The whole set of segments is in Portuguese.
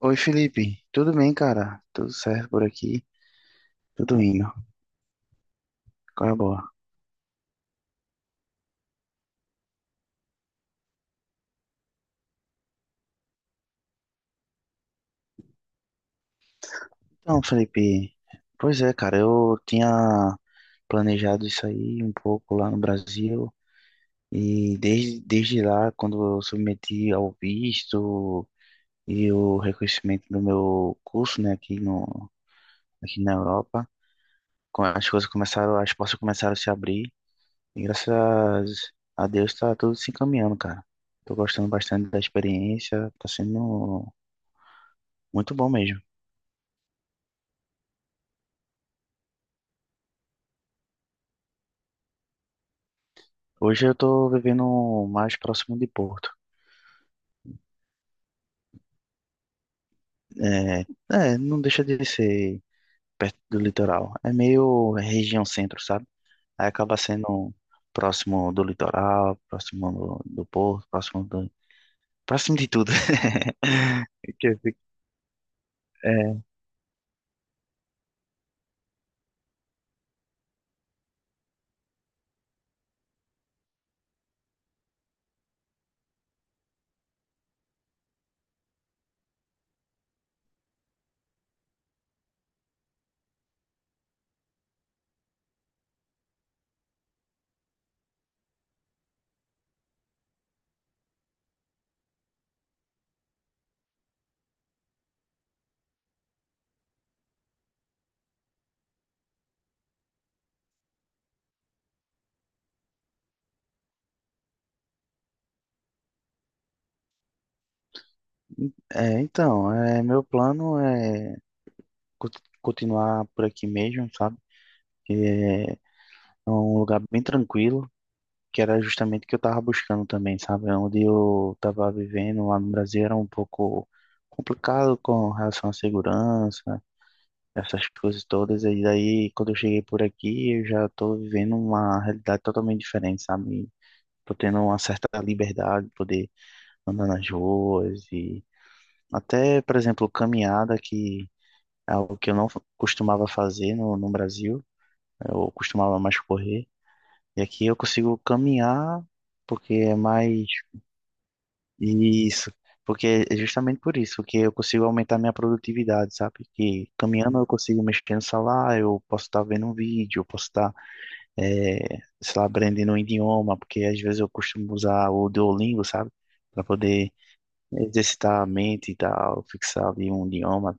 Oi, Felipe. Tudo bem, cara? Tudo certo por aqui? Tudo indo. Qual é a boa? Então, Felipe, pois é, cara, eu tinha planejado isso aí um pouco lá no Brasil e desde lá, quando eu submeti ao visto e o reconhecimento do meu curso, né, aqui no, aqui na Europa, as coisas começaram, as portas começaram a se abrir e graças a Deus tá tudo se encaminhando, cara. Tô gostando bastante da experiência, tá sendo muito bom mesmo. Hoje eu tô vivendo mais próximo de Porto. É, não deixa de ser perto do litoral. É meio região centro, sabe? Aí acaba sendo próximo do litoral, próximo do porto, próximo de tudo. Que eu fico- É, meu plano é co- continuar por aqui mesmo, sabe? Que é um lugar bem tranquilo, que era justamente o que eu estava buscando também, sabe? Onde eu estava vivendo lá no Brasil era um pouco complicado com relação à segurança, essas coisas todas. E daí, quando eu cheguei por aqui, eu já estou vivendo uma realidade totalmente diferente, sabe? Tô tendo uma certa liberdade de poder andar nas ruas e até, por exemplo, caminhada, que é algo que eu não costumava fazer no Brasil. Eu costumava mais correr. E aqui eu consigo caminhar porque é mais... Isso, porque é justamente por isso que eu consigo aumentar minha produtividade, sabe? Que caminhando eu consigo mexer no celular, eu posso estar vendo um vídeo, eu posso estar, sei lá, aprendendo um idioma, porque às vezes eu costumo usar o Duolingo, sabe? Para poder exercitar a mente e tal, fixar ali um idioma.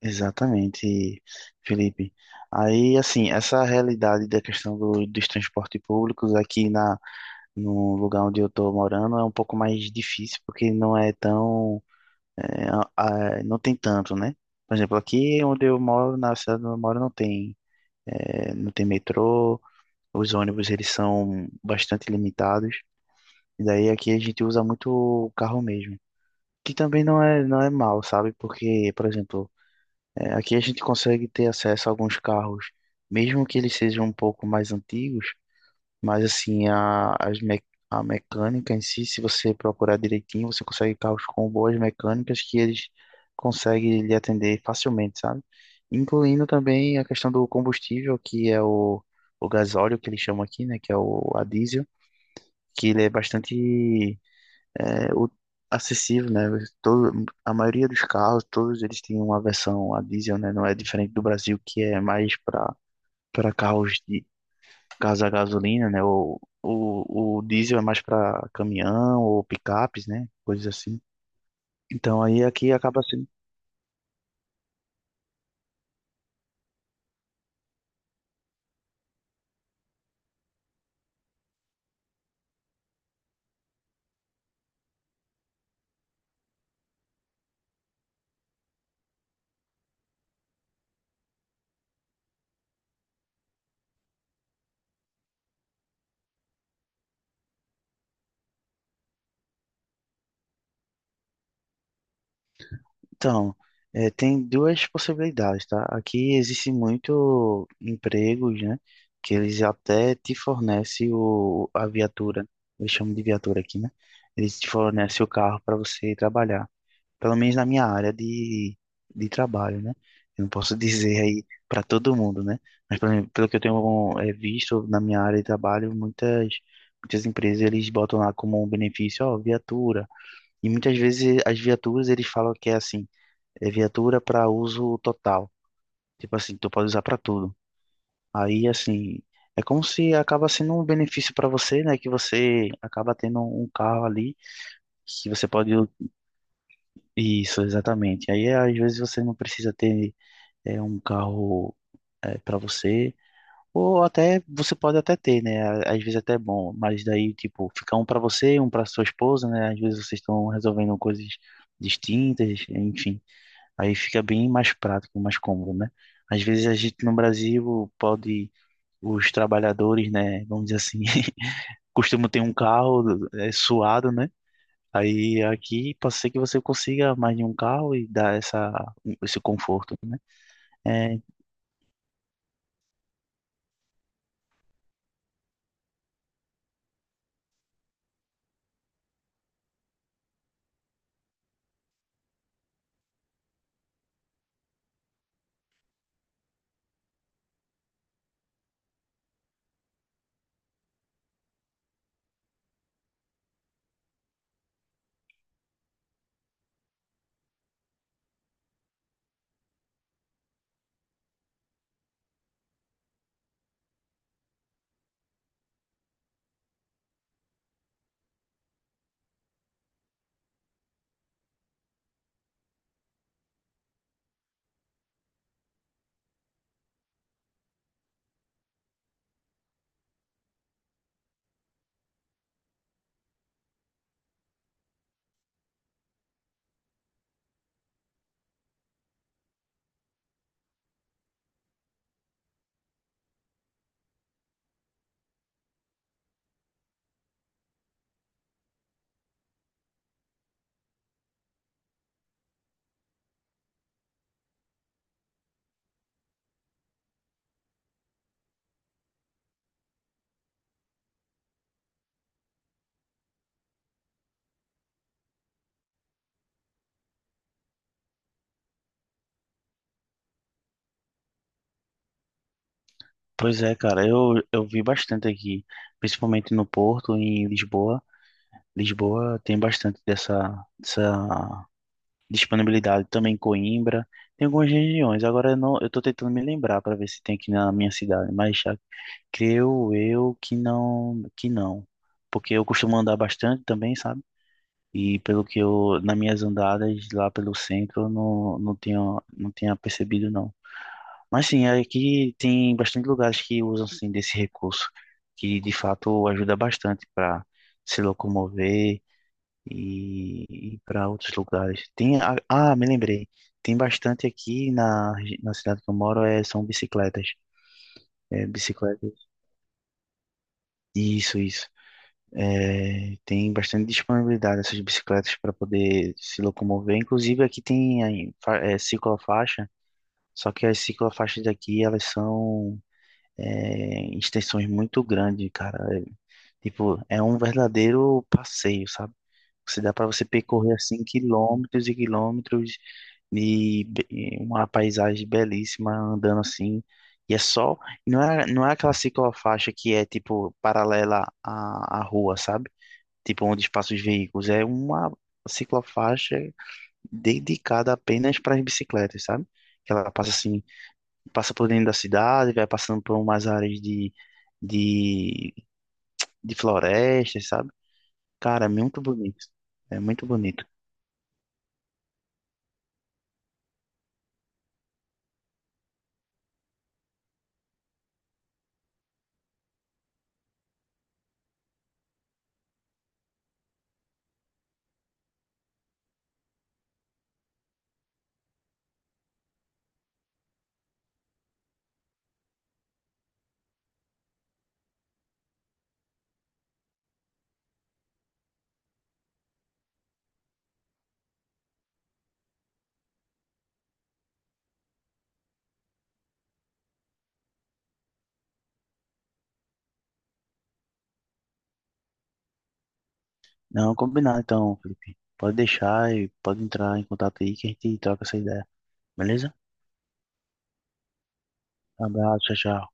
Exatamente, Felipe. Aí, assim, essa realidade da questão dos transportes públicos no lugar onde eu estou morando é um pouco mais difícil porque não é tão... É, não tem tanto, né? Por exemplo, aqui onde eu moro, na cidade onde eu moro, é, não tem metrô, os ônibus eles são bastante limitados, e daí aqui a gente usa muito o carro mesmo, que também não é mal, sabe? Porque, por exemplo, é, aqui a gente consegue ter acesso a alguns carros, mesmo que eles sejam um pouco mais antigos, mas assim, a mecânica em si, se você procurar direitinho, você consegue carros com boas mecânicas que eles conseguem lhe atender facilmente, sabe? Incluindo também a questão do combustível, que é o gasóleo, que eles chamam aqui, né? Que é o a diesel, que ele é bastante... é, o- acessível, né? Todo, a maioria dos carros, todos eles têm uma versão a diesel, né? Não é diferente do Brasil, que é mais para para carros caso a gasolina, né? O diesel é mais para caminhão ou picapes, né? Coisas assim. Então aí aqui acaba sendo. Então, é, tem duas possibilidades, tá? Aqui existe muito empregos, né? Que eles até te fornecem a viatura. Eles chamam de viatura aqui, né? Eles te fornecem o carro para você trabalhar. Pelo menos na minha área de trabalho, né? Eu não posso dizer aí para todo mundo, né? Mas pelo que eu tenho é, visto na minha área de trabalho, muitas empresas eles botam lá como um benefício, ó, viatura. E muitas vezes as viaturas eles falam que é assim, é viatura para uso total. Tipo assim, tu pode usar para tudo. Aí assim, é como se acaba sendo um benefício para você, né? Que você acaba tendo um carro ali que você pode... Isso, exatamente. Aí às vezes você não precisa ter é um carro é, para você, ou até você pode até ter, né? Às vezes até é bom, mas daí tipo fica um para você, um para sua esposa, né? Às vezes vocês estão resolvendo coisas distintas, enfim, aí fica bem mais prático, mais cômodo, né? Às vezes a gente no Brasil pode, os trabalhadores, né? Vamos dizer assim, costumam ter um carro é, suado, né? Aí aqui pode ser que você consiga mais de um carro e dar essa, esse conforto, né? É, pois é, cara, eu vi bastante aqui, principalmente no Porto, em Lisboa. Lisboa tem bastante dessa disponibilidade, também em Coimbra, tem algumas regiões. Agora eu não, eu tô tentando me lembrar para ver se tem aqui na minha cidade, mas já creio eu que que não, porque eu costumo andar bastante também, sabe? E pelo que eu, nas minhas andadas lá pelo centro, eu não, não tinha, percebido, não. Mas sim, aqui tem bastante lugares que usam assim desse recurso, que de fato ajuda bastante para se locomover e, e para outros lugares. Tem, me lembrei, tem bastante na cidade que eu moro, é, são bicicletas. É, bicicletas. Isso, isso. É, tem bastante disponibilidade dessas bicicletas para poder se locomover. Inclusive aqui tem aí, é, ciclofaixa, só que as ciclofaixas daqui elas são é, em extensões muito grandes, cara. É, tipo, é um verdadeiro passeio, sabe? Você dá para você percorrer assim quilômetros e quilômetros uma paisagem belíssima andando assim. E é só, não é aquela ciclofaixa que é tipo paralela à rua, sabe? Tipo onde passam os veículos. É uma ciclofaixa dedicada apenas para as bicicletas, sabe? Que ela passa assim, passa por dentro da cidade, vai passando por umas áreas de, de florestas, sabe? Cara, é muito bonito. É muito bonito. Não, combinado então, Felipe. Pode deixar e pode entrar em contato aí que a gente troca essa ideia. Beleza? Abraço, tchau, tchau.